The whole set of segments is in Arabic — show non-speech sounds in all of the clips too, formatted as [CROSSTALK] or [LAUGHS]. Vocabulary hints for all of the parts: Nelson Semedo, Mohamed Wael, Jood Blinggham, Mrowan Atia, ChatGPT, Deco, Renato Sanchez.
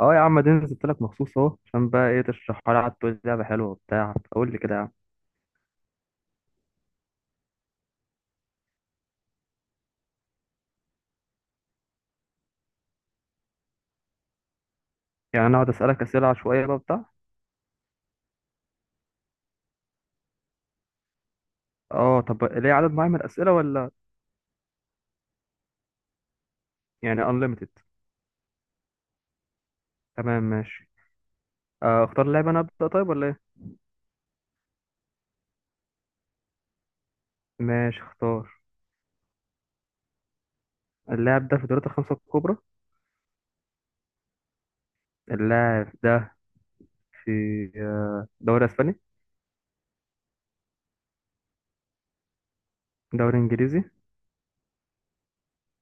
اه يا عم، دي نزلت لك مخصوص اهو. عشان بقى ايه تشرحها لي؟ قعدت تقول لي لعبه حلوه وبتاع، قول لي كده يا عم. يعني انا اقعد اسالك اسئله عشوائيه بقى بتاع. اه طب ليه عدد معين من الاسئله ولا؟ يعني unlimited؟ تمام ماشي. اختار اللاعب. انا ابدا طيب ولا ايه؟ ماشي اختار. اللاعب ده في دوري الخمسه الكبرى. اللاعب ده في دوري اسباني؟ دوري انجليزي؟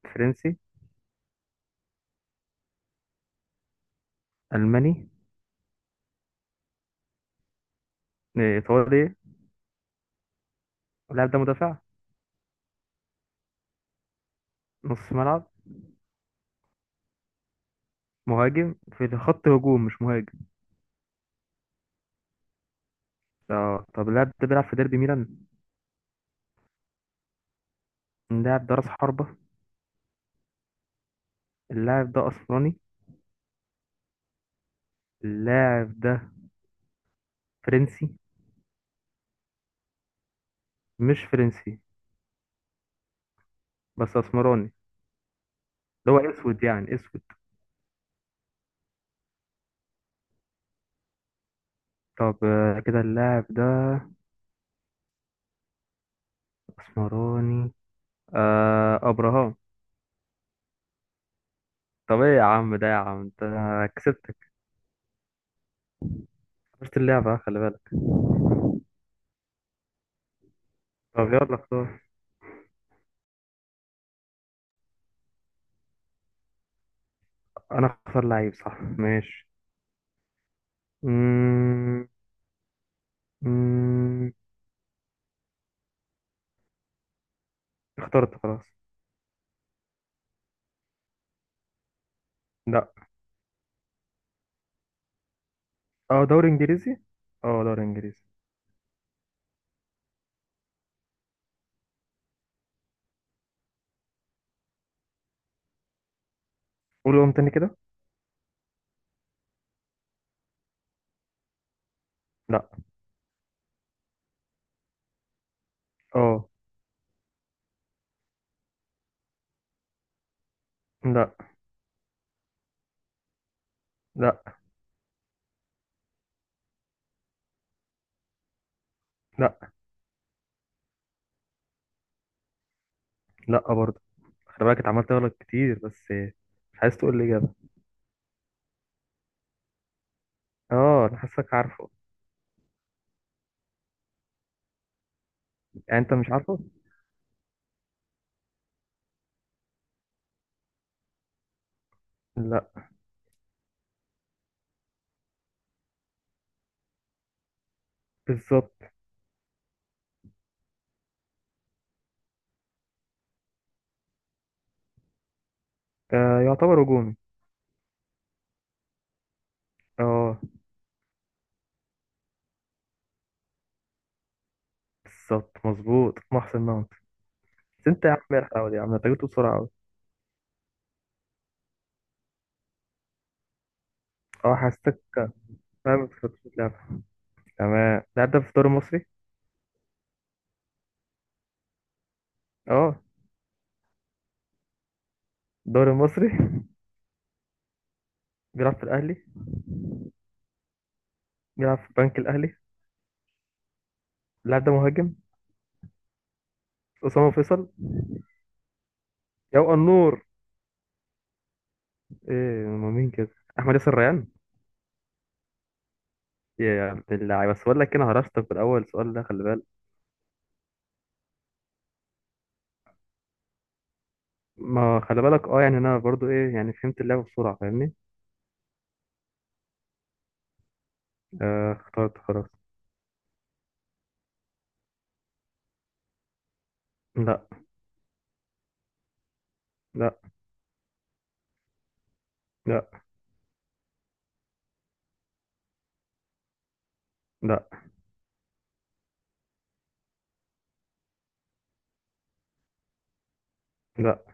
فرنسي؟ الماني؟ ايطالي؟ اللاعب ده مدافع؟ نص ملعب؟ مهاجم في خط هجوم مش مهاجم. اه طب اللاعب ده بيلعب في ديربي ميلان؟ اللاعب ده راس حربة؟ اللاعب ده اسمراني؟ اللاعب ده فرنسي؟ مش فرنسي بس اسمراني. اللي هو اسود يعني اسود. طب كده اللاعب ده اسمراني. آه ابراهام. طب ايه يا عم ده يا عم انت! كسبتك. خسرت اللعبة، خلي بالك. طب يلا اختار. انا اختار لعيب صح؟ ماشي. مم... مم... اخترت خلاص. لا. اه دوري انجليزي. اه دوري انجليزي. قول قوم تاني كده. لا. اه. لا. لا. لا. لا برضه. خلي بالك، اتعملت غلط كتير بس. مش عايز تقول لي إجابة. اه أنا حاسك عارفه. يعني أنت مش عارفه؟ لا. بالظبط. يعتبر هجومي. اه. بالظبط مظبوط محسن ماونت. بس أنت يا عم مرح أوي يا عم، أنت جبته بسرعة أوي. اه حاسسك. فاهم في خطة اللعبة. تمام. اللاعب ده في الدوري المصري؟ اه. الدوري المصري [LAUGHS] بيلعب في الأهلي. بيلعب في البنك الأهلي. اللاعب ده مهاجم. أسامة فيصل. يا النور. ايه هما مين كده؟ أحمد ياسر ريان. يا عبد اللعيبة، بس بقول لك إيه، أنا هرشتك في الأول. السؤال ده خلي بالك. ما خلي بالك. اه يعني انا برضو ايه يعني فهمت اللعبة بسرعة، فاهمني. آه اخترت خلاص. لا. لا. لا. لا. لا.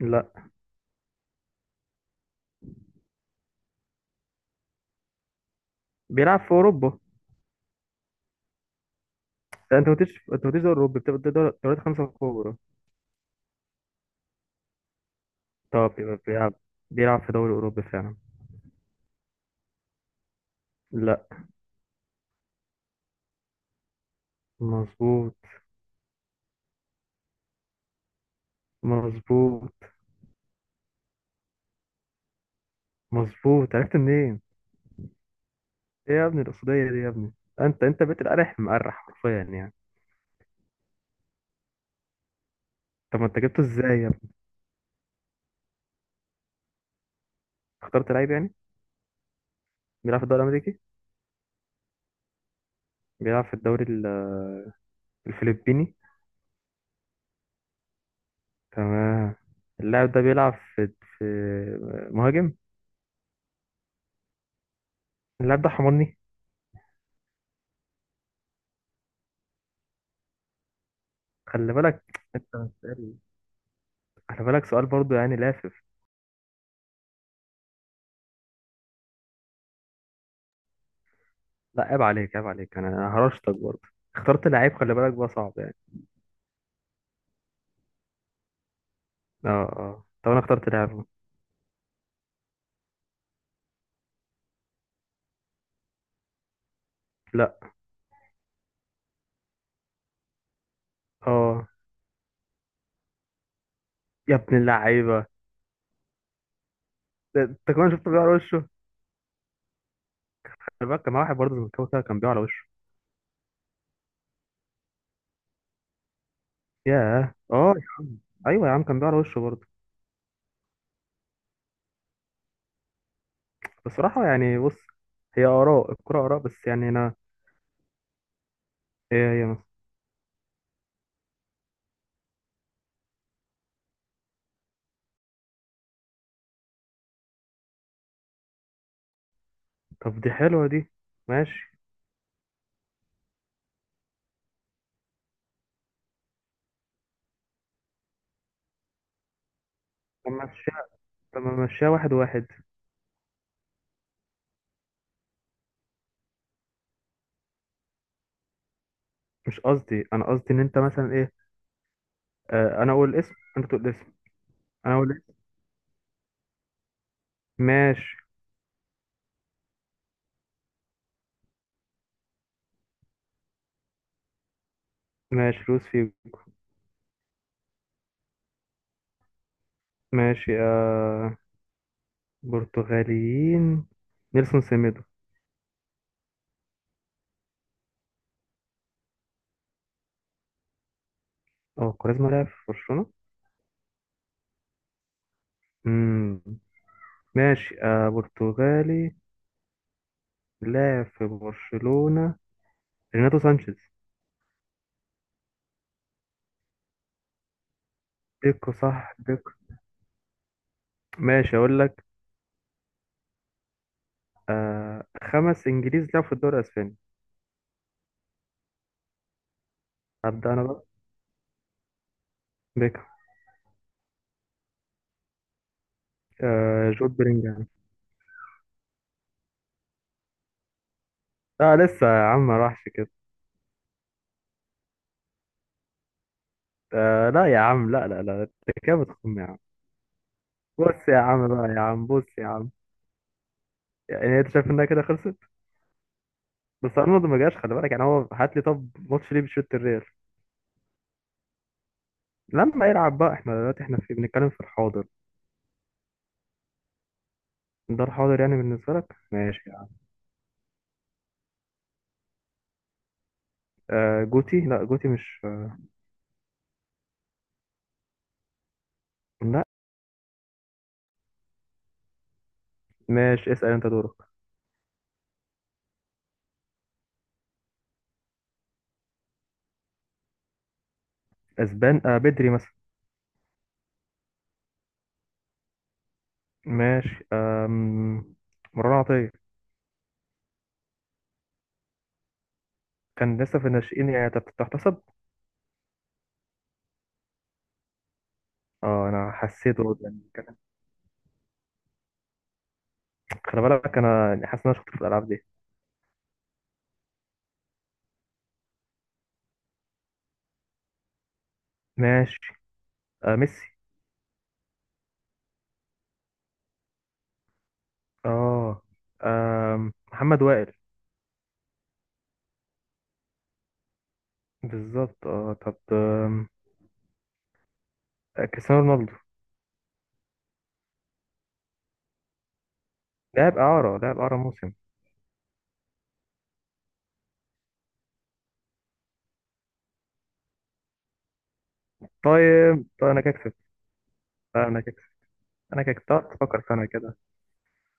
لا. بيلعب في اوروبا. لا، انت ما قلتش، انت ما قلتش دوري اوروبي، بتبقى ده دوريات خمسة كبرى. طب يبقى بيلعب في دوري اوروبي فعلا. لا. مظبوط. مظبوط. مظبوط. عرفت منين؟ ايه يا ابني القصدية دي يا ابني؟ انت بقيت القرح مقرح حرفيا يعني. طب ما انت جبته ازاي يا ابني؟ اخترت لعيب يعني. بيلعب في الدوري الامريكي. بيلعب في الدوري الفلبيني. تمام. اللاعب ده بيلعب في في مهاجم. اللاعب ده حمرني. خلي بالك. أنت بتسأل- خلي بالك سؤال برضو يعني لافف. لا عيب عليك، عيب عليك، أنا هرشتك برضو. اخترت لعيب خلي بالك، بقى صعب يعني. اه اه طب انا اخترت لعيب. لا. اه يا ابن اللعيبه. ده انت كمان شفته بيقع على وشه. خلي بالك كان معاه واحد برضه زملكاوي كده كان بيقع على وشه. ياه اه يا عم. ايوه يا عم كان بيقع على وشه برضه. بصراحه يعني بص، هي اراء الكره اراء، بس يعني انا. ايه هي مثلا؟ طب دي حلوه دي. ماشي. لما مشيها. لما مشيها واحد واحد. مش قصدي، انا قصدي ان انت مثلا ايه. آه انا اقول الاسم انت تقول الاسم. انا اقول الاسم. ماشي. ماشي لوس فيجو. ماشي آه. برتغاليين. نيلسون سيميدو. اه كاريزما لعب في برشلونة. امم ماشي آه برتغالي لعب في برشلونة. ريناتو سانشيز. ديكو صح ديكو. ماشي اقول لك. آه خمس انجليز لعبوا في الدوري الاسباني. هبدأ انا بقى. ديكو. آه جود بلينجهام. لا لسه يا عم، ما راحش كده. آه لا يا عم، لا لا لا، انت كده بتخم يا عم. بص يا عم بقى يا عم بص يا عم. يعني انت شايف انها كده خلصت؟ بس ارنولد ما جاش، خلي بالك يعني. هو هات لي طب ماتش ليه بيشوط الريال. لما يلعب بقى. احنا دلوقتي احنا في بنتكلم في الحاضر. ده الحاضر يعني بالنسبه لك. ماشي يا عم. آه جوتي. لا جوتي مش لا. ماشي اسال انت دورك. اسبان. آه بدري مثلا. ماشي مروان عطيه. كان لسه في الناشئين يعني تحتسب؟ اه انا حسيته يعني خلي بالك انا يعني حاسس ان انا شاطر في الالعاب دي. ماشي. آه ميسي. اه. محمد وائل. بالظبط. اه طب آم، آه، كريستيانو رونالدو. لاعب إعارة، لاعب إعارة موسم. طيب طيب أنا كسبت. طيب أنا كسبت. أنا كسبت. طب تفكر في أنا كده.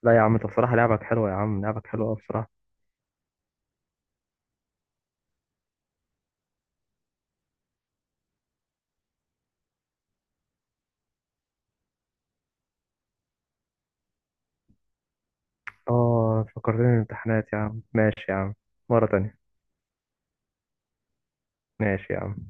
لا يا عم، أنت بصراحة لعبك حلوة يا عم، لعبك حلوة أوي بصراحة. اه فكرتني الامتحانات يا عم، ماشي يا عم. مرة تانية. ماشي يا عم.